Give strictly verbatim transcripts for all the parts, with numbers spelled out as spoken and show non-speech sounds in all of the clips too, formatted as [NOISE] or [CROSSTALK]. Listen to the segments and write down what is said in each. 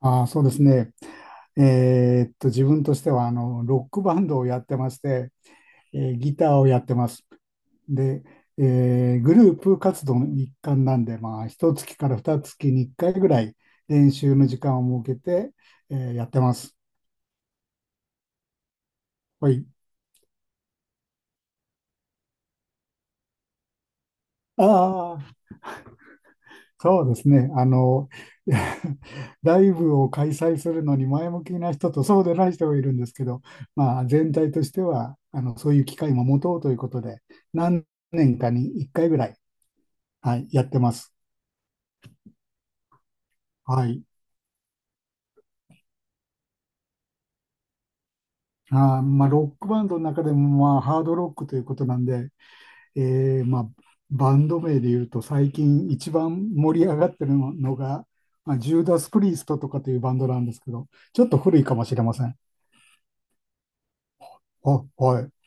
ああ、そうですね。えーっと、自分としては、あの、ロックバンドをやってまして、えーギターをやってます。で、えーグループ活動の一環なんで、まあ、ひとつきからふたつきにいっかいぐらい練習の時間を設けて、えーやってます。はい。ああ。そうですね。あの、[LAUGHS] いやライブを開催するのに前向きな人とそうでない人がいるんですけど、まあ、全体としてはあのそういう機会も持とうということで、何年かにいっかいぐらい、はい、やってます。はい。あー、まあ、ロックバンドの中でも、まあ、ハードロックということなんで、えーまあ、バンド名で言うと最近一番盛り上がってるのが、まあ、ジューダス・プリーストとかというバンドなんですけど、ちょっと古いかもしれません。あ、はい。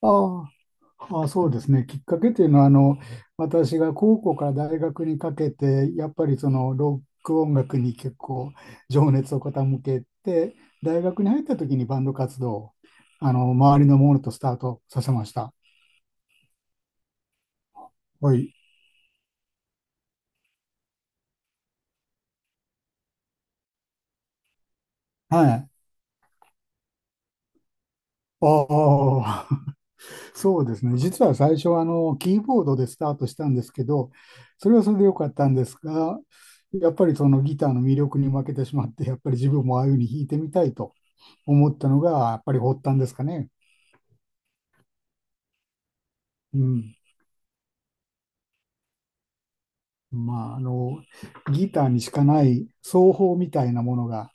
ああ、まあ、そうですね。きっかけというのは、あの、私が高校から大学にかけて、やっぱりそのロック音楽に結構情熱を傾けて、大学に入った時にバンド活動を、あの、周りのものとスタートさせました。はい。はい。ああ、[LAUGHS] そうですね。実は最初はあの、キーボードでスタートしたんですけど、それはそれで良かったんですが、やっぱりそのギターの魅力に負けてしまって、やっぱり自分もああいうふうに弾いてみたいと思ったのが、やっぱり発端ですかね。うん。まあ、あの、ギターにしかない奏法みたいなものが、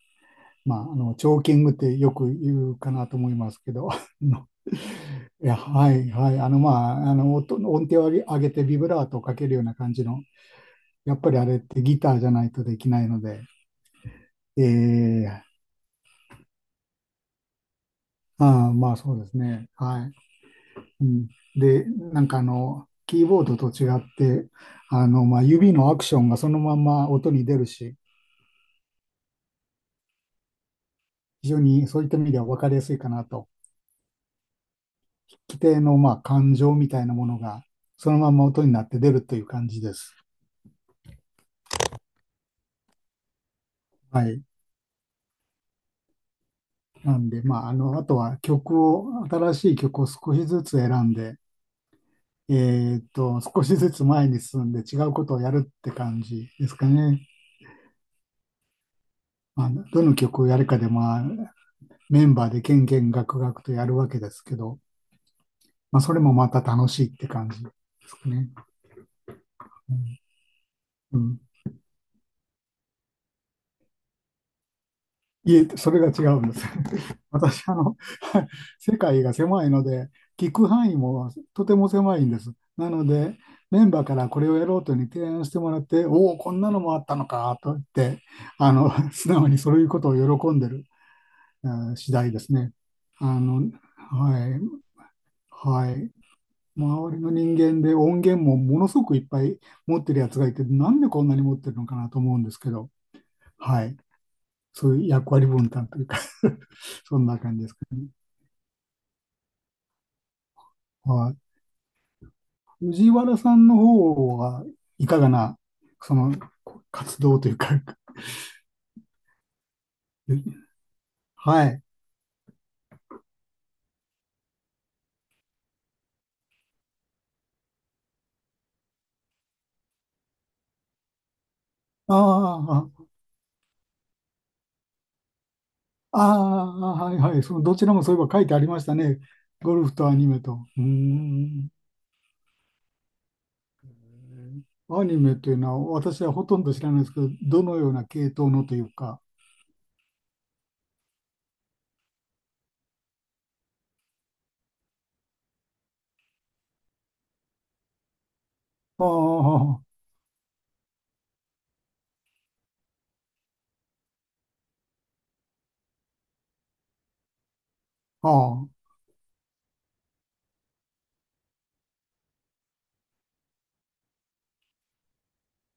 まあ、あの、チョーキングってよく言うかなと思いますけど、[LAUGHS] あのいや、はい、はい。あの、まあ、あの、音、音程を上げてビブラートをかけるような感じの、やっぱりあれってギターじゃないとできないので、えああー、まあそうですね。はい。うん、で、なんかあの、キーボードと違って、あの、まあ、指のアクションがそのまま音に出るし、非常にそういった意味では分かりやすいかなと。規定のまあ感情みたいなものがそのまま音になって出るという感じです。はい。なんで、まあ、あの、あとは曲を、新しい曲を少しずつ選んで、えーっと、少しずつ前に進んで違うことをやるって感じですかね。まあ、どの曲をやるかで、まあ、メンバーでけんけんがくがくとやるわけですけど、まあ、それもまた楽しいって感じですかね。うん。うん、いえ、それが違うんです。私、あの、[LAUGHS] 世界が狭いので、聞く範囲もとても狭いんです。なので、メンバーからこれをやろうというふうに提案してもらって、おお、こんなのもあったのかと言って、あの、[LAUGHS] 素直にそういうことを喜んでる、えー次第ですね。あの、はい、はい。周りの人間で音源もものすごくいっぱい持ってるやつがいて、なんでこんなに持ってるのかなと思うんですけど、はい。そういう役割分担というか [LAUGHS] そんな感じですかね。はい。藤原さんの方はいかがな、その、活動というか [LAUGHS] はい。ああ、ああ、はいはい。その、どちらもそういえば書いてありましたね。ゴルフとアニメと。うーん。アニメというのは、私はほとんど知らないですけど、どのような系統のというか。ああ、ああ、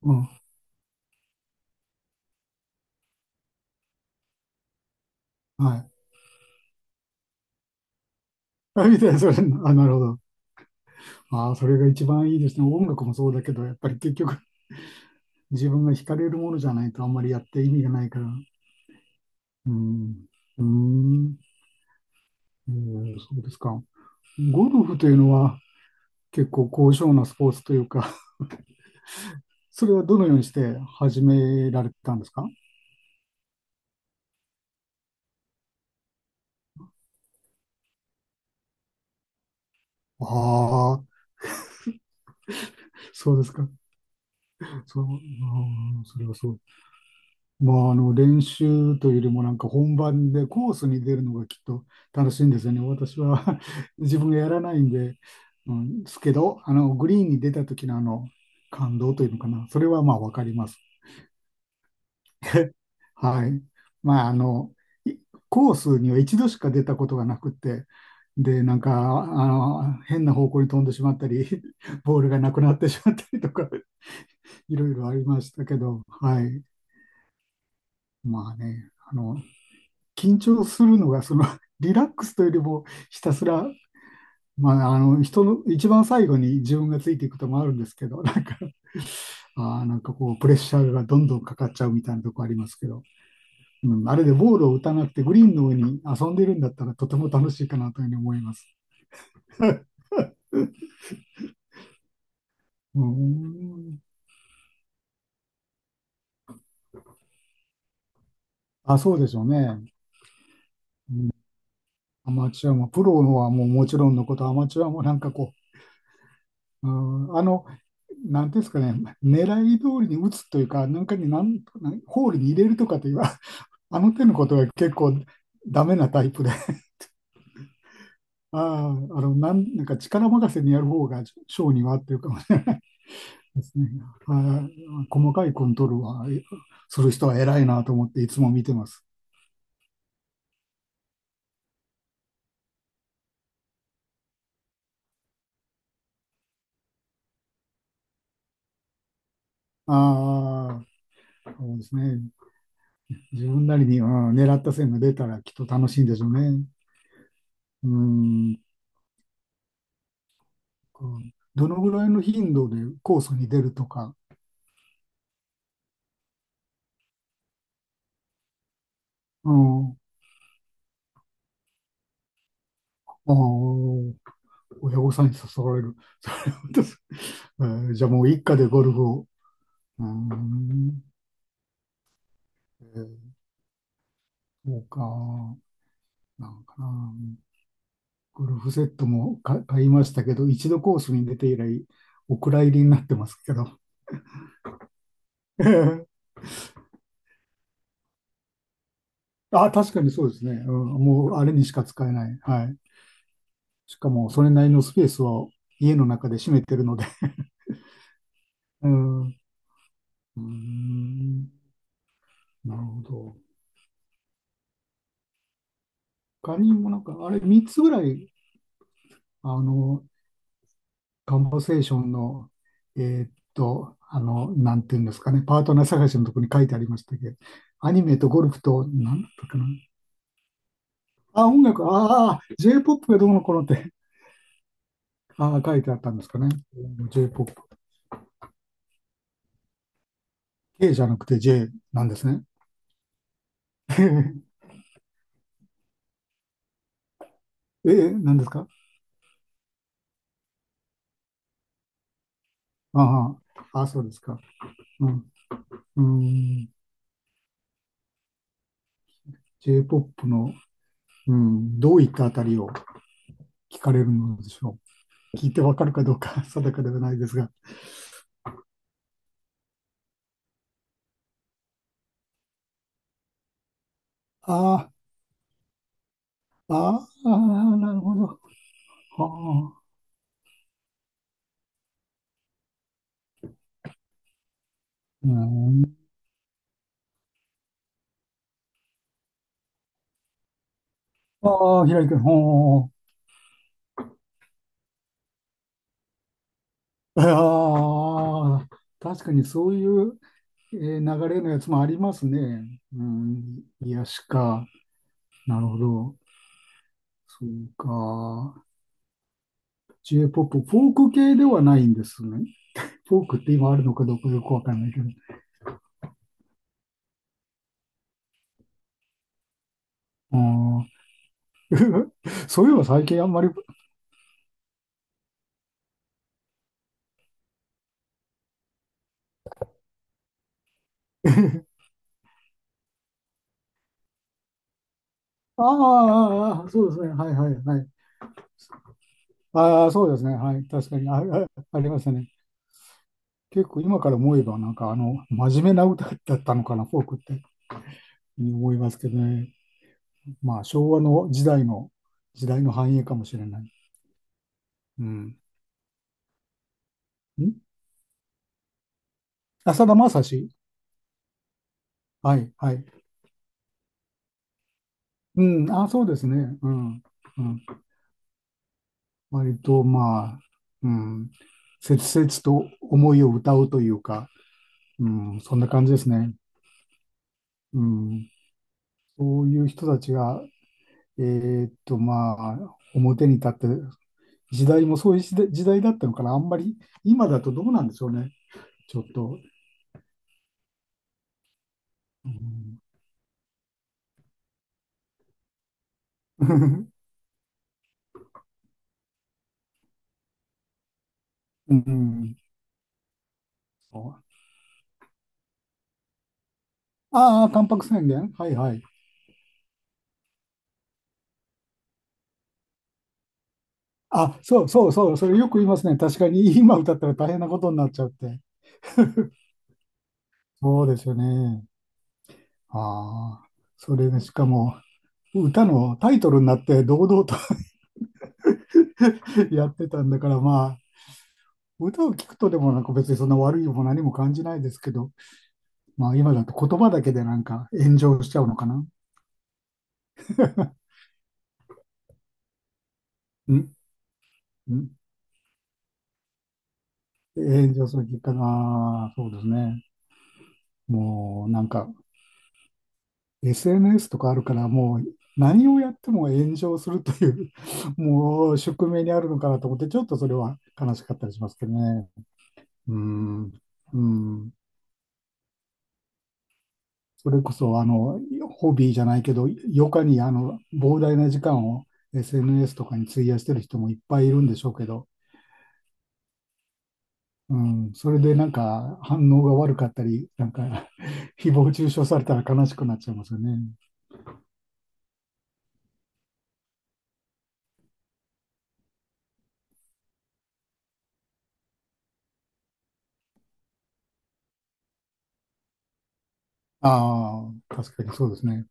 うん。はい。あ、みたいな、それ、あ、なるほど。ああ、それが一番いいですね。音楽もそうだけど、やっぱり結局、自分が惹かれるものじゃないとあんまりやって意味がないから。うん、うん、えーそうですか。ゴルフというのは結構高尚なスポーツというか [LAUGHS] それはどのようにして始められたんですか？ああ、そうですか。そう、うん、それはそう。まあ、あの、練習というよりもなんか本番でコースに出るのがきっと楽しいんですよね。私は [LAUGHS] 自分がやらないんで、うん、ですけど、あの、グリーンに出た時のあの、感動というのかな。それはまあわかります。はい。まあ、あの、いコースには一度しか出たことがなくて、で、なんか、あの、変な方向に飛んでしまったり、[LAUGHS] ボールがなくなってしまったりとか、[LAUGHS] いろいろありましたけど、はい。まあね、あの、緊張するのが、その、[LAUGHS] リラックスというよりも、ひたすら、まあ、あの、人の、一番最後に自分がついていくこともあるんですけど、なんか、あーなんかこう、プレッシャーがどんどんかかっちゃうみたいなとこありますけど、うん、あれでボールを打たなくてグリーンの上に遊んでるんだったらとても楽しいかなというふうに思います。うん。あ、そうでしょうね。うん、アマチュアも、プロのはもうもちろんのこと、アマチュアもなんかこう、うん、あの、なんていうんですかね、狙い通りに打つというか、なんかになんなんホールに入れるとかという、[LAUGHS] ああの手のことが結構ダメなタイプで、ああ、あの、なん、なんか力任せにやる方が性には合ってるかもしれない。ですね。はい。細かいコントロールはえする人は偉いなと思っていつも見てます。ああ、そうですね。自分なりに、うん、狙った線が出たらきっと楽しいんでしょうね。うん。こうどのぐらいの頻度でコースに出るとか、うん。あー親御さんに誘われる。[LAUGHS] それはどうす。えーじゃあもう一家でゴルフを。うん。えーそうか。なんかな。ゴルフセットも買いましたけど、一度コースに出て以来、お蔵入りになってますけど。[LAUGHS] あ、確かにそうですね。うん、もうあれにしか使えない。はい。しかも、それなりのスペースを家の中で占めてるので。[LAUGHS] うん。うーんなるほど。他にもなんか、あれみっつぐらい、あの、カンバセーションの、えーっと、あの、なんていうんですかね、パートナー探しのところに書いてありましたけど、アニメとゴルフと、なんだったかな、あ、音楽、ああ、J-ポップ がどうのこうのって、ああ、書いてあったんですかね。J-ポップ。K じゃなくて J なんですね。[LAUGHS] え、なんですか？ああ、あ、そうですか。うん、うん、J-ポップ の、うん、どういったあたりを聞かれるのでしょう。聞いてわかるかどうか [LAUGHS] 定かではないですが。ああ、ああ、なるほど。ああ、うん、ああ、平井君、ほう。ああ、確かにそういうえー流れのやつもありますね。うん、癒しか。なるほど。そうか。J-ポップ、フォーク系ではないんですね。フォークって今あるのかどうかよくわかんないけど。あー [LAUGHS] そういえば最近あんまり、[LAUGHS] あーあー、あーそうですね。はいはいはい。ああ、そうですね。はい。確かに。あ、[LAUGHS] あありましたね。結構今から思えば、なんかあの、真面目な歌だったのかな、フォークって、思いますけどね。まあ、昭和の時代の、時代の繁栄かもしれない。うん。んあ、さだまさし。はい、はい。うん、あ、そうですね。うん。うん。割と、まあ、うん。切々と思いを歌うというか、うん、そんな感じですね。うん。そういう人たちが、えーっと、まあ、表に立って、時代もそういう時代時代だったのかな。あんまり、今だとどうなんでしょうね。ちょっと。うん。[LAUGHS] うん。ああー、タンパク宣言。はいはい。あ、そうそうそう、それよく言いますね。確かに [LAUGHS] 今歌ったら大変なことになっちゃうって。そうですよね。ああ、それでしかも歌のタイトルになって堂々と [LAUGHS] やってたんだから、まあ、歌を聴くとでもなんか別にそんな悪いも何も感じないですけど、まあ今だと言葉だけでなんか炎上しちゃうのかな。んん炎上するきっかけ、ああ、そうですね。もうなんか エスエヌエス とかあるから、もう何をやっても炎上するという [LAUGHS] もう宿命にあるのかなと思って、ちょっとそれは悲しかったりしますけどね。うん、うん、それこそ、あの、ホビーじゃないけど、余暇にあの膨大な時間を エスエヌエス とかに費やしてる人もいっぱいいるんでしょうけど、うん、それでなんか反応が悪かったり、なんか [LAUGHS] 誹謗中傷されたら悲しくなっちゃいますよね。ああ、確かにそうですね。